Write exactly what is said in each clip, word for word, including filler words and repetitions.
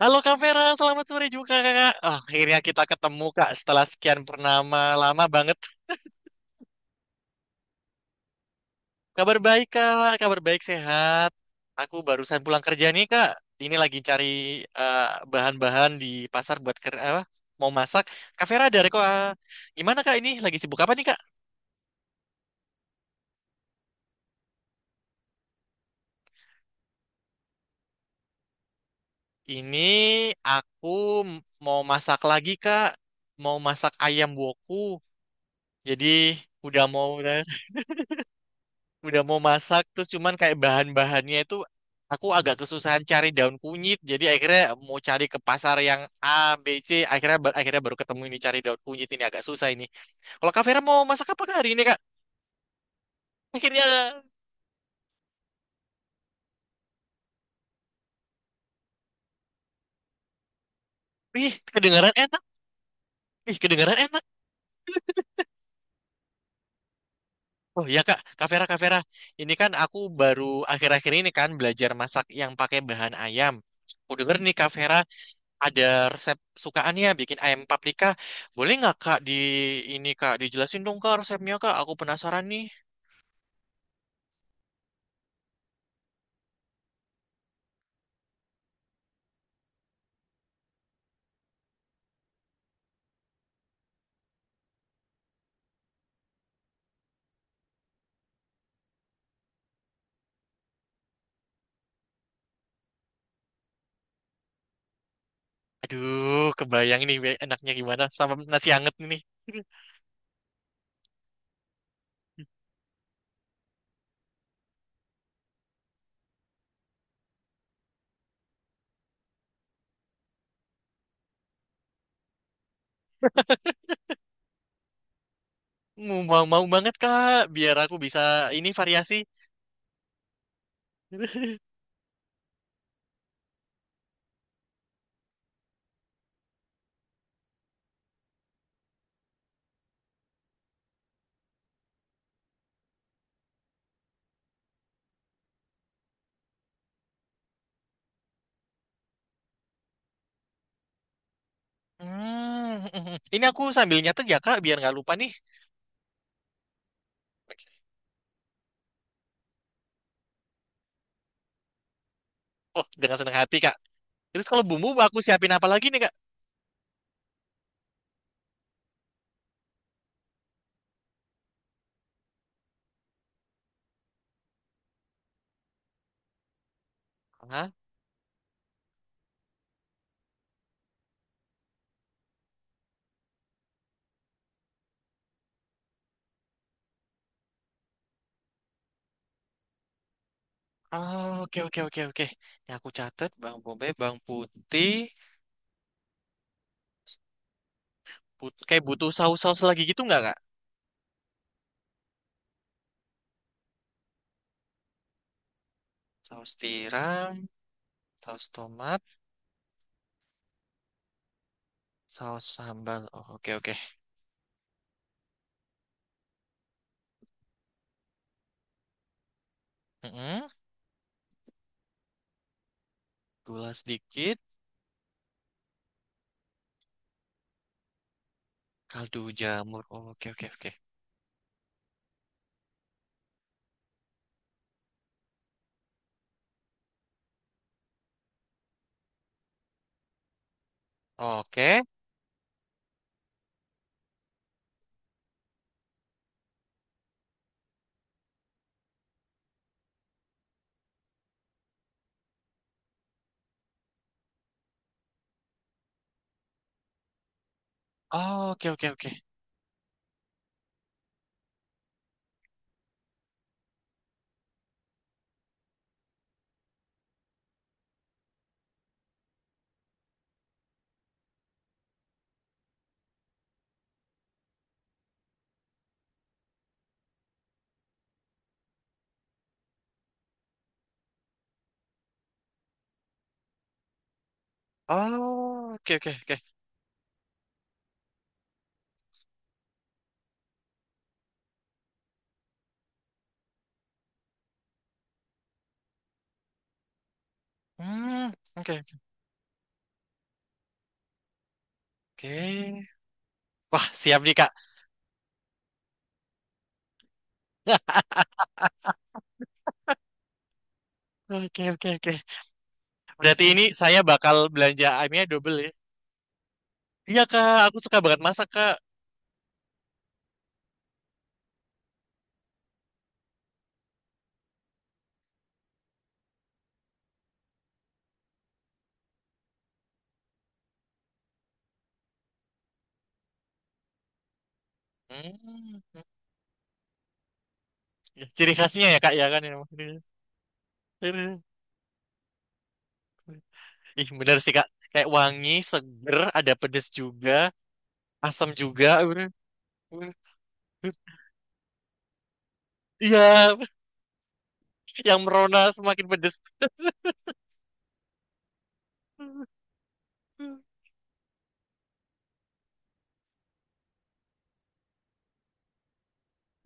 Halo Kak Vera, selamat sore juga Kakak. Ah, akhirnya kita ketemu Kak setelah sekian purnama lama banget. Kabar baik Kak, kabar baik sehat. Aku barusan pulang kerja nih Kak. Ini lagi cari eh, bahan-bahan di pasar buat ker apa, mau masak. Kak Vera ada reko ah, gimana Kak ini? Lagi sibuk apa nih Kak? Ini aku m- mau masak lagi Kak. Mau masak ayam woku. Jadi udah mau udah mau masak terus cuman kayak bahan-bahannya itu aku agak kesusahan cari daun kunyit jadi akhirnya mau cari ke pasar yang A B C akhirnya ba- akhirnya baru ketemu ini cari daun kunyit ini agak susah ini kalau Kak Vera mau masak apa Kak hari ini Kak akhirnya ih kedengaran enak ih kedengaran enak oh ya Kak Kak Vera Kak Vera ini kan aku baru akhir-akhir ini kan belajar masak yang pakai bahan ayam aku denger nih Kak Vera ada resep sukaannya bikin ayam paprika. Boleh nggak Kak di ini Kak dijelasin dong Kak resepnya Kak. Aku penasaran nih. Aduh, kebayang ini be- enaknya gimana sama nasi anget ini. Mau mau mau banget Kak, biar aku bisa ini variasi. Hmm, ini aku sambil nyatet ya Kak, biar nggak lupa nih. Oh, dengan senang hati Kak. Terus kalau bumbu aku siapin apa lagi nih Kak? Hah? Oh, oke oke oke oke. Ini aku catat Bang Bobe, Bang Putih. But- kayak butuh saus-saus lagi gitu nggak kak? Saus tiram, saus tomat, saus sambal. Oh, oke oke. Mm-mm. Gula sedikit, kaldu jamur. Oh, oke oke oke. Oke. Oh, oke oke oke. Oh, oke oke oke. Hmm, oke oke. Oke. Wah, siap nih kak. Oke oke oke. Berarti ini saya bakal belanja ayamnya double ya. Iya kak, aku suka banget masak kak. Hmm. Ya, ciri khasnya ya kak ya kan. Ya ini. Ih, bener sih, Kak. Kayak wangi, seger, ada pedes juga, asam juga. Udah. Iya, yang merona semakin pedes.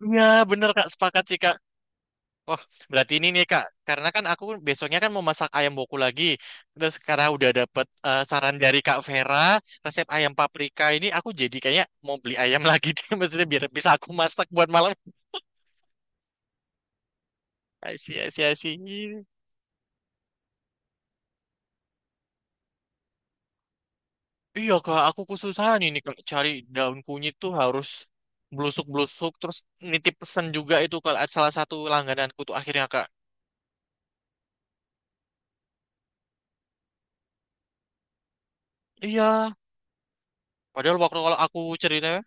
Iya, bener, Kak. Sepakat sih, Kak. Wah, berarti ini nih, Kak. Karena kan aku besoknya kan mau masak ayam boku lagi. Terus karena udah dapet eh, saran dari Kak Vera, resep ayam paprika ini, aku jadi kayaknya mau beli ayam lagi deh. Maksudnya biar bisa aku masak buat malam. Asyik, asyik, asyik. Iya kak, aku kesusahan ini kak cari daun kunyit tuh harus blusuk-blusuk terus nitip pesan juga itu kalau salah satu langgananku tuh akhirnya kak. Iya, padahal waktu kalau aku cerita,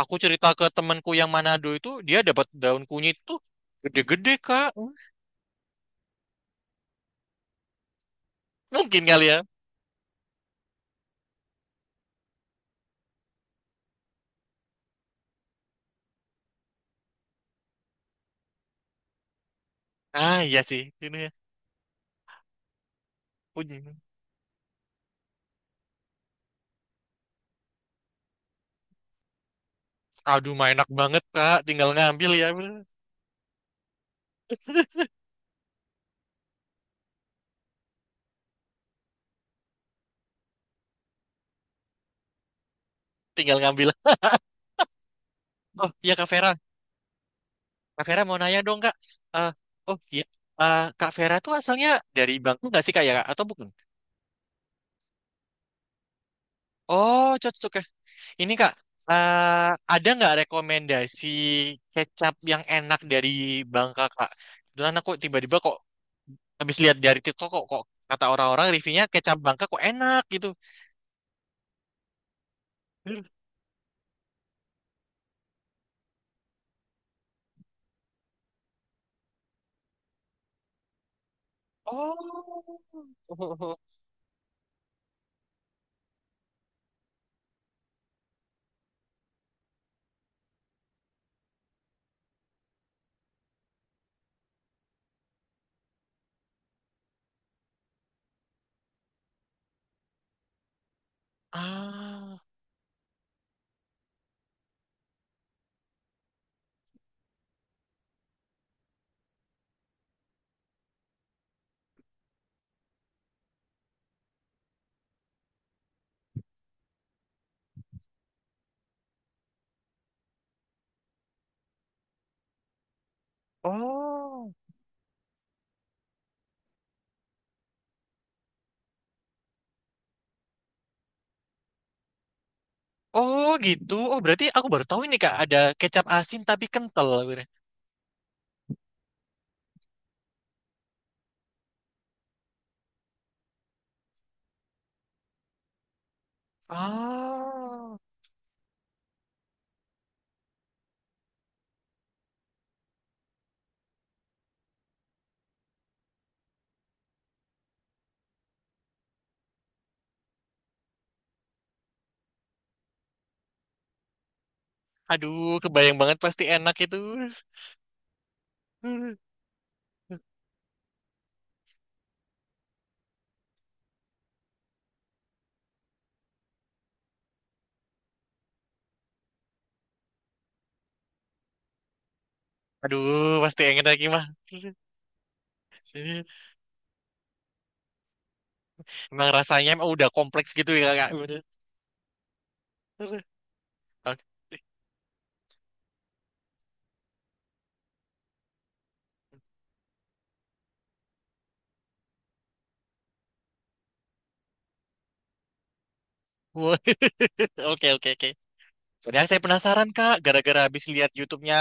aku cerita ke temanku yang Manado itu dia dapat daun kunyit tuh gede-gede kak. Mungkin kali ya. Ah iya sih, ini ya. Kunyit. Aduh, mah enak banget kak, tinggal ngambil ya, tinggal ngambil. Oh iya kak Vera, Kak Vera mau nanya dong Kak. Eh, oh iya, Eh, Kak Vera tuh asalnya dari Bangku nggak sih Kak ya Kak? Atau bukan? Oh cocok ya. Ini Kak, eh, ada nggak rekomendasi kecap yang enak dari Bangka Kak? Kebetulan aku tiba-tiba kok habis lihat dari TikTok kok, kok kata orang-orang reviewnya kecap Bangka kok enak gitu. Oh, ah, oh, oh gitu. Oh berarti aku baru tahu ini Kak ada kecap asin tapi kental. Ah. Aduh, kebayang banget pasti enak itu. Aduh, pasti enak lagi mah. Emang rasanya emang udah kompleks gitu ya kak. Oke oke oke. Oke. Soalnya saya penasaran kak, gara-gara habis lihat YouTube-nya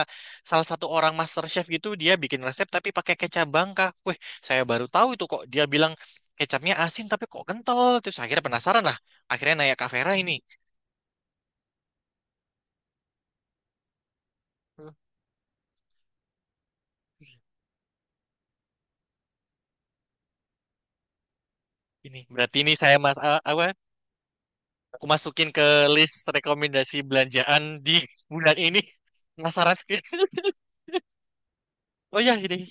salah satu orang master chef gitu, dia bikin resep tapi pakai kecap bangka. Wih, saya baru tahu itu kok. Dia bilang kecapnya asin tapi kok kental. Terus akhirnya penasaran lah. Akhirnya nanya Kak Vera ini. Ini berarti ini saya mas eh, apa Aku masukin ke list rekomendasi belanjaan di bulan ini. Penasaran sekali. Oh ya, ini.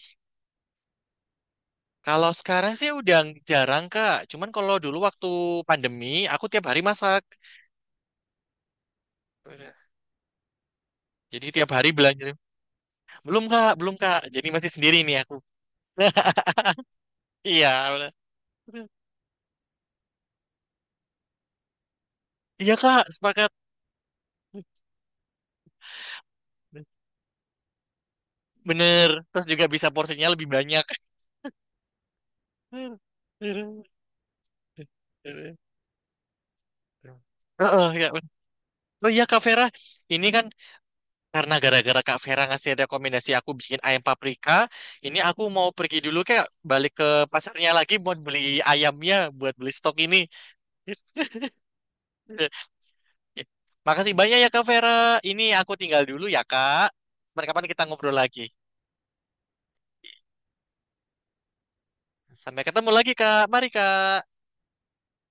Kalau sekarang sih udah jarang, Kak. Cuman kalau dulu waktu pandemi, aku tiap hari masak. Jadi tiap hari belanja. Belum, Kak. Belum, Kak. Jadi masih sendiri nih aku. Iya. Bener. Iya, Kak. Sepakat. Bener. Terus juga bisa porsinya lebih banyak. Heeh, ya. Oh iya Kak Vera, ini kan karena gara-gara Kak Vera ngasih rekomendasi aku bikin ayam paprika, ini aku mau pergi dulu kayak balik ke pasarnya lagi buat beli ayamnya, buat beli stok ini. Makasih banyak ya Kak Vera. Ini aku tinggal dulu ya Kak. Kapan-kapan kita ngobrol lagi. Sampai ketemu lagi Kak. Mari Kak.